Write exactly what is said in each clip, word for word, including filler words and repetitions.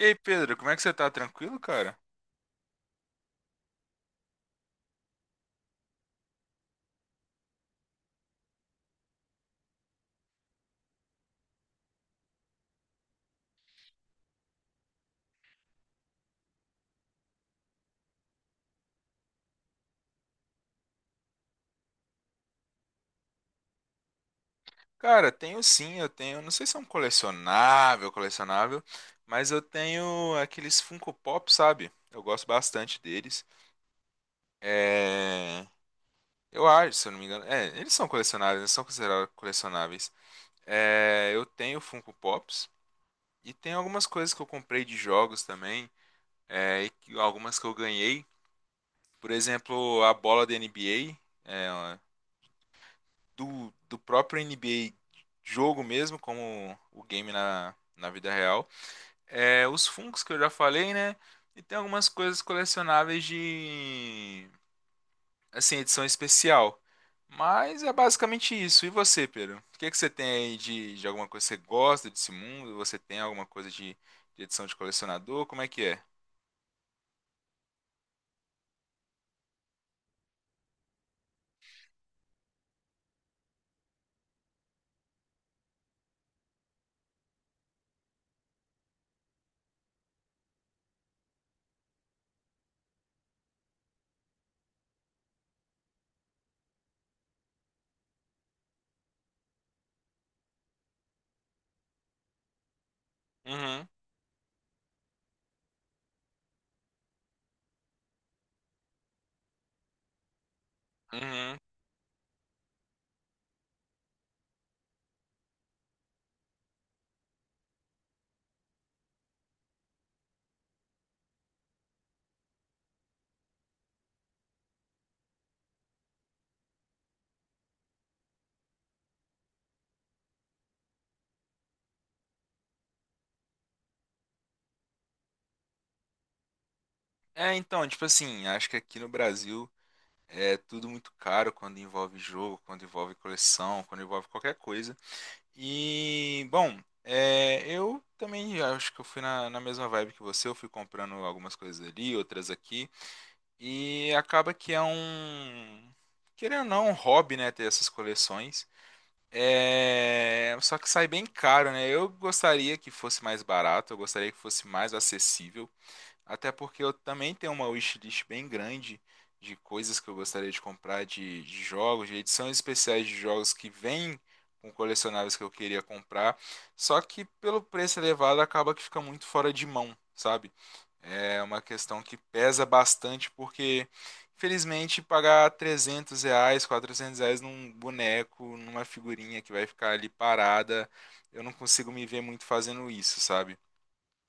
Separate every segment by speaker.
Speaker 1: E aí, Pedro, como é que você tá? Tranquilo, cara? Cara, tenho sim, eu tenho. Não sei se é um colecionável, colecionável, mas eu tenho aqueles Funko Pop, sabe? Eu gosto bastante deles. É. Eu acho, se eu não me engano. É, eles são colecionáveis, eles são considerados colecionáveis. É, eu tenho Funko Pops e tem algumas coisas que eu comprei de jogos também, é, e que- algumas que eu ganhei. Por exemplo, a bola da N B A do, do próprio N B A jogo mesmo, como o game na, na vida real. É, os Funkos que eu já falei, né? E tem algumas coisas colecionáveis de assim, edição especial. Mas é basicamente isso. E você, Pedro? O que é que você tem aí de, de alguma coisa que você gosta desse mundo? Você tem alguma coisa de, de edição de colecionador? Como é que é? Uhum, uhum. É, então, tipo assim, acho que aqui no Brasil é tudo muito caro quando envolve jogo, quando envolve coleção, quando envolve qualquer coisa. E, bom, é, eu também acho que eu fui na, na mesma vibe que você. Eu fui comprando algumas coisas ali, outras aqui. E acaba que é um. Querendo ou não, um hobby, né? Ter essas coleções. É, só que sai bem caro, né? Eu gostaria que fosse mais barato, eu gostaria que fosse mais acessível. Até porque eu também tenho uma wishlist bem grande de coisas que eu gostaria de comprar, de, de jogos, de edições especiais de jogos que vêm com colecionáveis que eu queria comprar. Só que pelo preço elevado acaba que fica muito fora de mão, sabe? É uma questão que pesa bastante porque, infelizmente, pagar trezentos reais, quatrocentos reais num boneco, numa figurinha que vai ficar ali parada, eu não consigo me ver muito fazendo isso, sabe?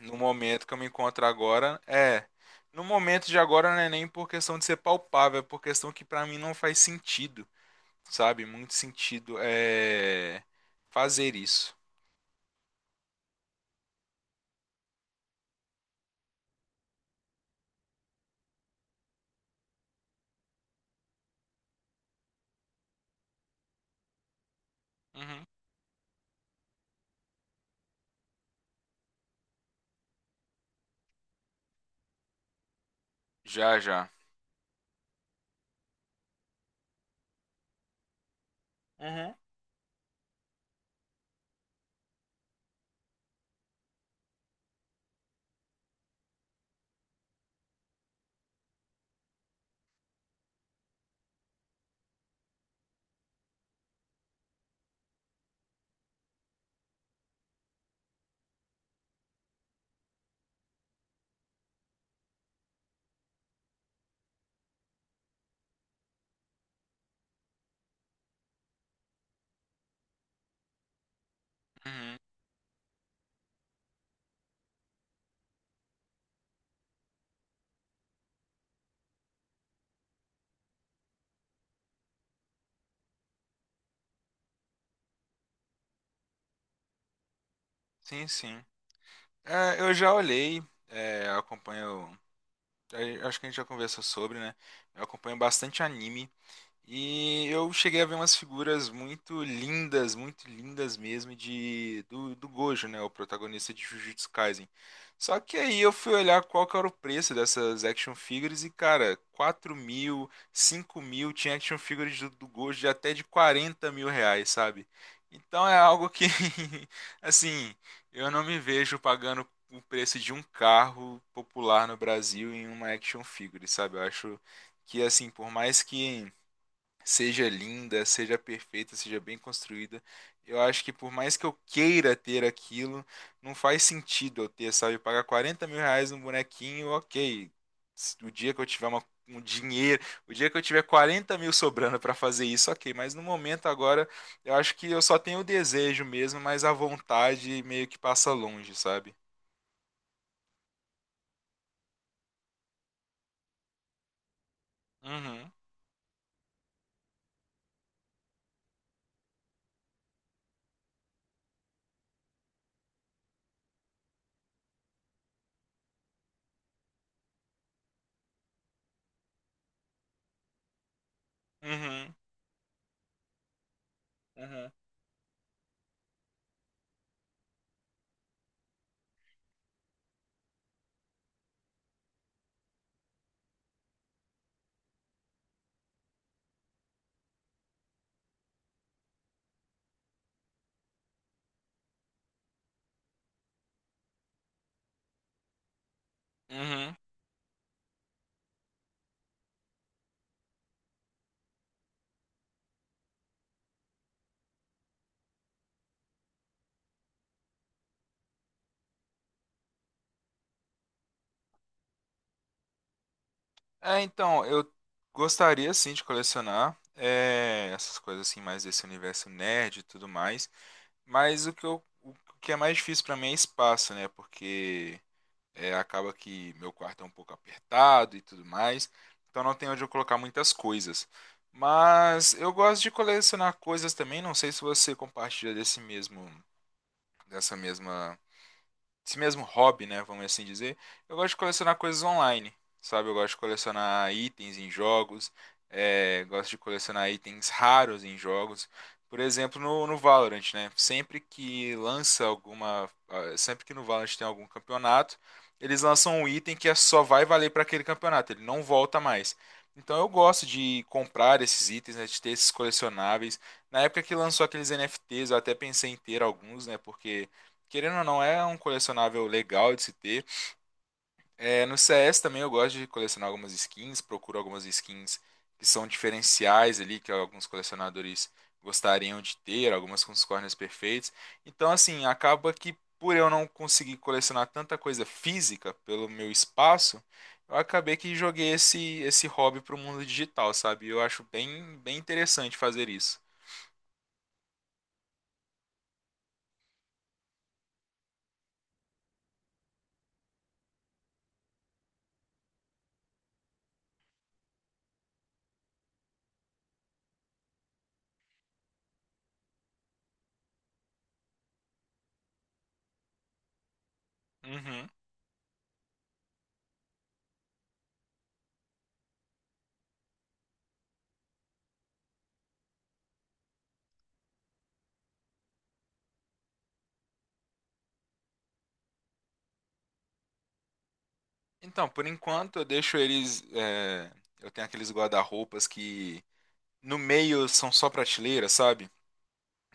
Speaker 1: No momento que eu me encontro agora, é. No momento de agora não é nem por questão de ser palpável, é por questão que pra mim não faz sentido, sabe? Muito sentido é fazer isso. Uhum. Já, já. Uhum. Uhum. Sim, sim. É, eu já olhei, é, eu acompanho. é, Acho que a gente já conversou sobre, né? Eu acompanho bastante anime. E eu cheguei a ver umas figuras muito lindas, muito lindas mesmo de do, do Gojo, né, o protagonista de Jujutsu Kaisen. Só que aí eu fui olhar qual que era o preço dessas action figures e, cara, quatro mil, cinco mil, tinha action figures do, do Gojo de até de quarenta mil reais, sabe? Então é algo que, assim, eu não me vejo pagando o preço de um carro popular no Brasil em uma action figure, sabe? Eu acho que, assim, por mais que seja linda, seja perfeita, seja bem construída. Eu acho que por mais que eu queira ter aquilo, não faz sentido eu ter, sabe? Pagar quarenta mil reais num bonequinho, ok. Se- O dia que eu tiver uma- um dinheiro, o dia que eu tiver quarenta mil sobrando para fazer isso, ok. Mas no momento agora, eu acho que eu só tenho o desejo mesmo, mas a vontade meio que passa longe, sabe? Uhum, uhum, uhum, uhum. É, então, eu gostaria sim de colecionar é, essas coisas assim, mais desse universo nerd e tudo mais. Mas o que eu, o que é mais difícil pra mim é espaço, né? Porque é, acaba que meu quarto é um pouco apertado e tudo mais. Então não tem onde eu colocar muitas coisas. Mas eu gosto de colecionar coisas também. Não sei se você compartilha desse mesmo, dessa mesma esse mesmo hobby, né, vamos assim dizer, eu gosto de colecionar coisas online, sabe? Eu gosto de colecionar itens em jogos, é, gosto de colecionar itens raros em jogos. Por exemplo, no, no, Valorant, né? Sempre que lança alguma, ah, sempre que no Valorant tem algum campeonato, eles lançam um item que é- só vai valer para aquele campeonato, ele não volta mais. Então eu gosto de comprar esses itens, né, de ter esses colecionáveis. Na época que lançou aqueles N F Ts, eu até pensei em ter alguns, né, porque querendo ou não, é um colecionável legal de se ter. É, no C S também eu gosto de colecionar algumas skins, procuro algumas skins que são diferenciais ali, que alguns colecionadores gostariam de ter, algumas com os corners perfeitos. Então, assim, acaba que por eu não conseguir colecionar tanta coisa física pelo meu espaço, eu acabei que joguei esse, esse hobby pro mundo digital, sabe? Eu acho bem, bem interessante fazer isso. Uhum. Então, por enquanto eu deixo eles. é, eu tenho aqueles guarda-roupas que no meio são só prateleiras, sabe?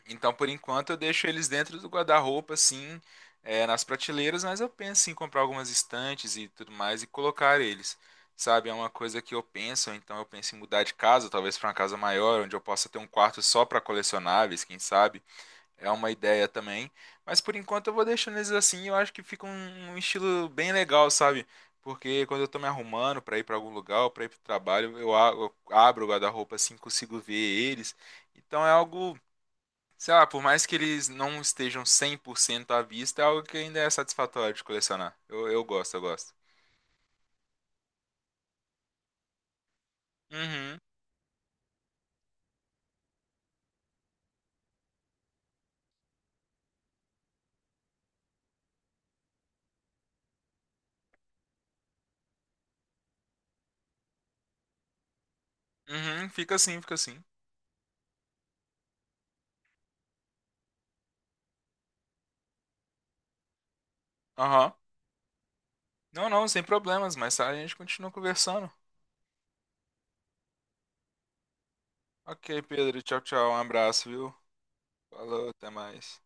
Speaker 1: Então, por enquanto eu deixo eles dentro do guarda-roupa, assim, é, nas prateleiras, mas eu penso em comprar algumas estantes e tudo mais e colocar eles, sabe? É uma coisa que eu penso, ou então eu penso em mudar de casa, talvez para uma casa maior, onde eu possa ter um quarto só para colecionáveis, quem sabe? É uma ideia também. Mas por enquanto eu vou deixando eles assim. Eu acho que fica um, um estilo bem legal, sabe? Porque quando eu tô me arrumando pra ir pra algum lugar, ou pra ir pro trabalho, eu, a- eu abro o guarda-roupa assim, consigo ver eles. Então é algo, sei lá, por mais que eles não estejam cem por cento à vista, é algo que ainda é satisfatório de colecionar. Eu, eu gosto, eu gosto. Uhum, uhum, fica assim, fica assim. Aham. Não, não, sem problemas, mas a gente continua conversando. Ok, Pedro, tchau, tchau, um abraço, viu? Falou, até mais.